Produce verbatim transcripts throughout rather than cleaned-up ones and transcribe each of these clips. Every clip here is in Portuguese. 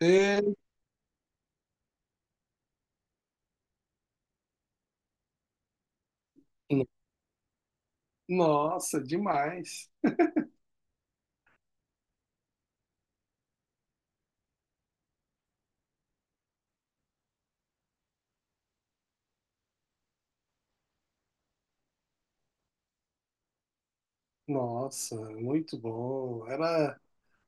É, nossa, demais. Nossa, muito bom. Era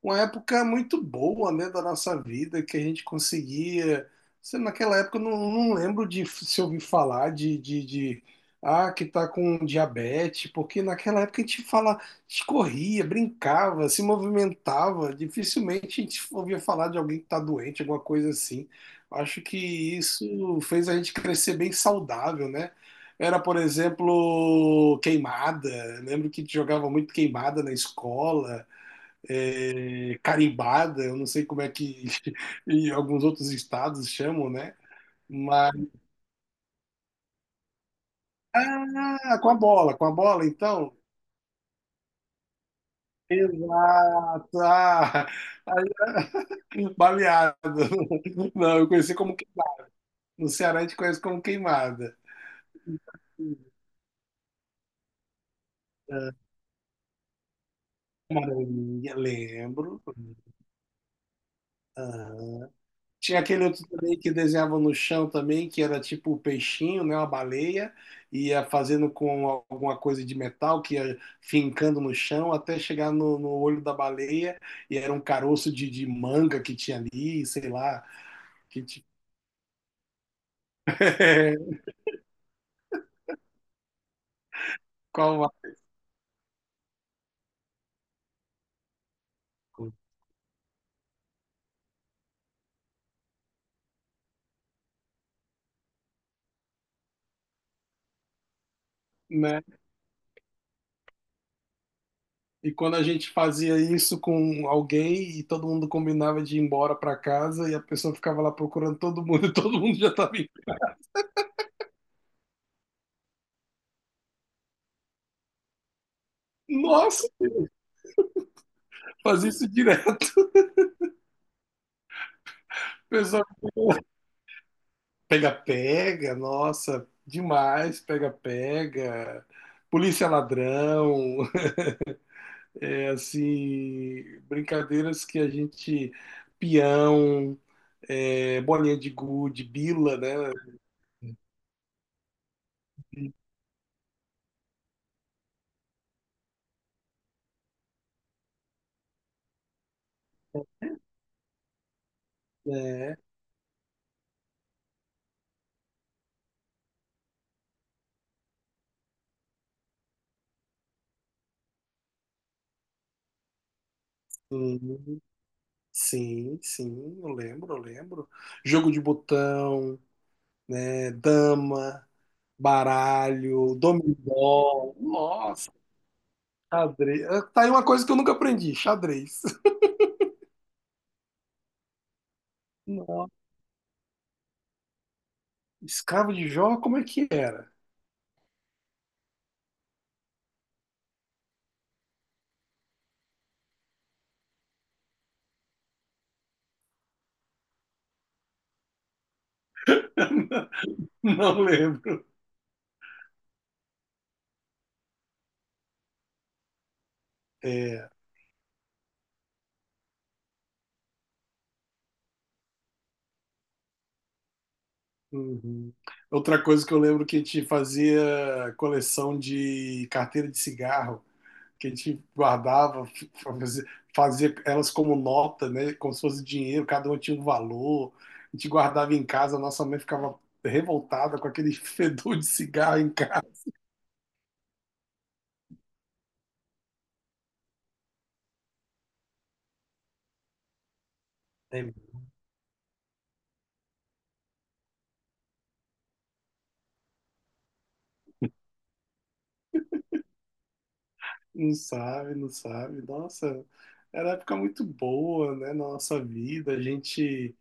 uma época muito boa, né, da nossa vida, que a gente conseguia. Sei, naquela época eu não, não lembro de f- se ouvir falar de, de, de ah, que tá com diabetes, porque naquela época a gente fala, a gente corria, brincava, se movimentava, dificilmente a gente ouvia falar de alguém que tá doente, alguma coisa assim. Acho que isso fez a gente crescer bem saudável, né? Era, por exemplo, queimada. Lembro que jogava muito queimada na escola, é, carimbada, eu não sei como é que em alguns outros estados chamam, né? Mas ah, com a bola, com a bola, então. Exato, ah, aí, baleado. Não, eu conheci como queimada. No Ceará a gente conhece como queimada. Maranhão, lembro. Tinha aquele outro também que desenhava no chão também, que era tipo o peixinho, né? Uma baleia, ia fazendo com alguma coisa de metal, que ia fincando no chão até chegar no, no olho da baleia, e era um caroço de, de manga que tinha ali, sei lá, que ti- qual a- né? E quando a gente fazia isso com alguém e todo mundo combinava de ir embora para casa e a pessoa ficava lá procurando todo mundo e todo mundo já estava indo. Nossa, fazia isso direto. Pessoal, pega-pega, nossa, demais, pega-pega. Polícia ladrão, é, assim, brincadeiras que a gente, peão, é, bolinha de gude, bila, né? Sim, sim, sim, eu lembro, eu lembro. Jogo de botão, né? Dama, baralho, dominó, nossa, xadrez. Tá aí uma coisa que eu nunca aprendi, xadrez. Escravo de Jó, como é que era? Não lembro. É, uhum. Outra coisa que eu lembro, que a gente fazia coleção de carteira de cigarro, que a gente guardava, f- fazia, fazia elas como nota, né? Como se fosse dinheiro, cada uma tinha um valor. A gente guardava em casa, a nossa mãe ficava revoltada com aquele fedor de cigarro em casa. Lembro. Não sabe, não sabe. Nossa, era uma época muito boa, né? Na nossa vida, a gente,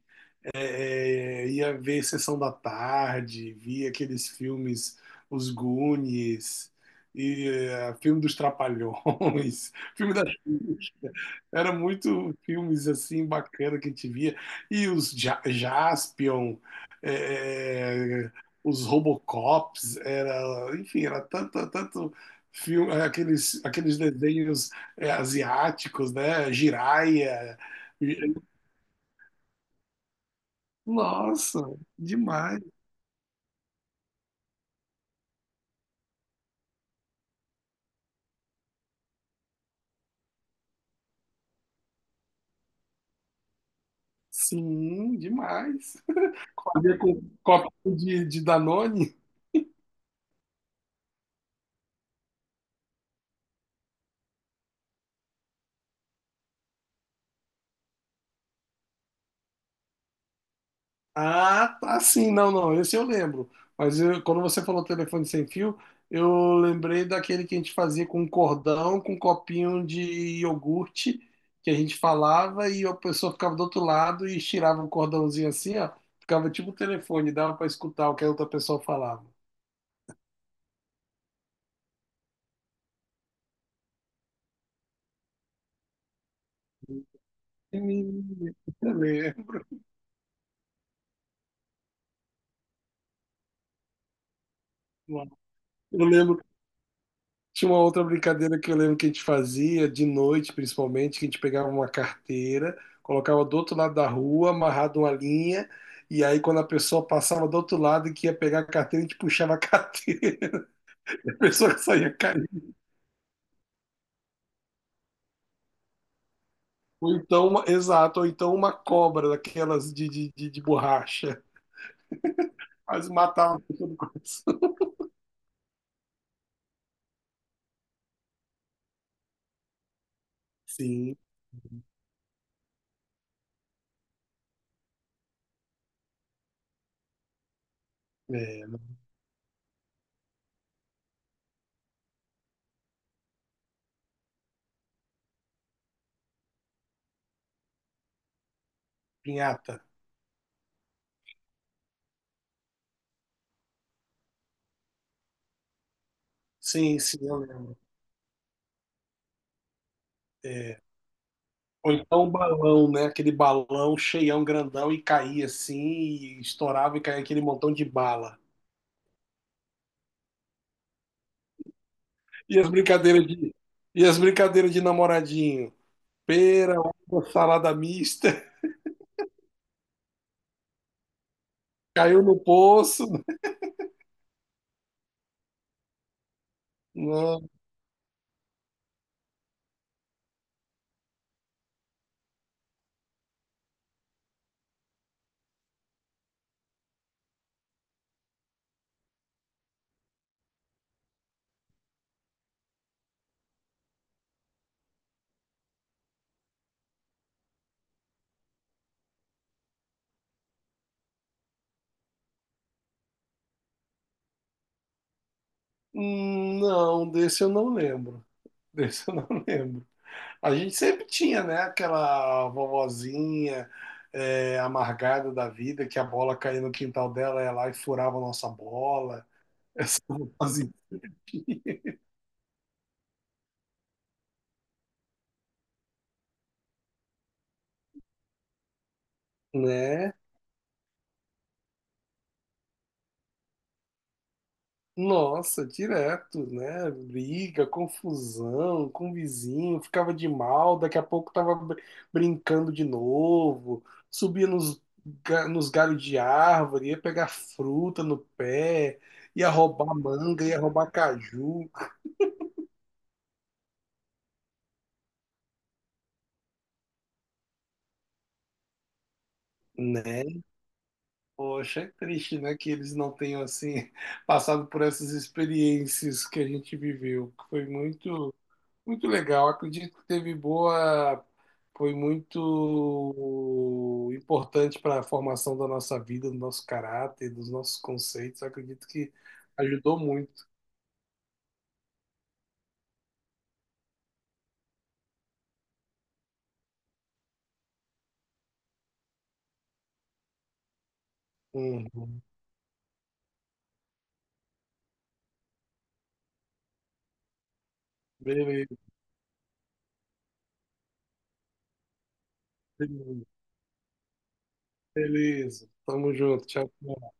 é, ia ver Sessão da Tarde, via aqueles filmes, Os Goonies, e é, filme dos Trapalhões, filme das Xuxa. Era muito filmes assim bacana que a gente via, e os Ja- Jaspion, é, é, os Robocops, era, enfim, era tanto, tanto filme, aqueles aqueles desenhos, é, asiáticos, né? Jiraiya, nossa, demais. Sim, demais. Fazia com copinho de, de Danone. Ah, tá sim, não, não, esse eu lembro. Mas eu- quando você falou telefone sem fio, eu lembrei daquele que a gente fazia com cordão, com copinho de iogurte, que a gente falava e a pessoa ficava do outro lado e estirava o cordãozinho assim, ó, ficava tipo o telefone, dava para escutar o que a outra pessoa falava. Menino, eu lembro. Tinha uma outra brincadeira que eu lembro que a gente fazia, de noite principalmente, que a gente pegava uma carteira, colocava do outro lado da rua, amarrado uma linha, e aí quando a pessoa passava do outro lado e que ia pegar a carteira, a gente puxava a carteira, a pessoa saía caindo. Ou então, uma- exato, ou então uma cobra daquelas de, de, de, de borracha, quase matava a pessoa. Sim, é, pinhata. Sim, sim, eu lembro. É, ou então um balão, né? Aquele balão cheião, grandão, e caía assim, e estourava e caía aquele montão de bala. E as brincadeiras de, e as brincadeiras de namoradinho. Pera, uva, salada mista, caiu no poço. Não, hum, não, desse eu não lembro. Desse eu não lembro. A gente sempre tinha, né? Aquela vovozinha, é, amargada da vida, que a bola caía no quintal dela, ela ia lá e furava a nossa bola. Essa vovozinha, né? Nossa, direto, né? Briga, confusão com o vizinho, ficava de mal, daqui a pouco tava br- brincando de novo, subia nos, ga- nos galhos de árvore, ia pegar fruta no pé, ia roubar manga, ia roubar caju, né? Poxa, é triste, né, que eles não tenham, assim, passado por essas experiências que a gente viveu, que foi muito. Muito legal. Acredito que teve boa, foi muito importante para a formação da nossa vida, do nosso caráter, dos nossos conceitos. Acredito que ajudou muito. Uhum. Beleza, beleza. Tamo junto. Tchau.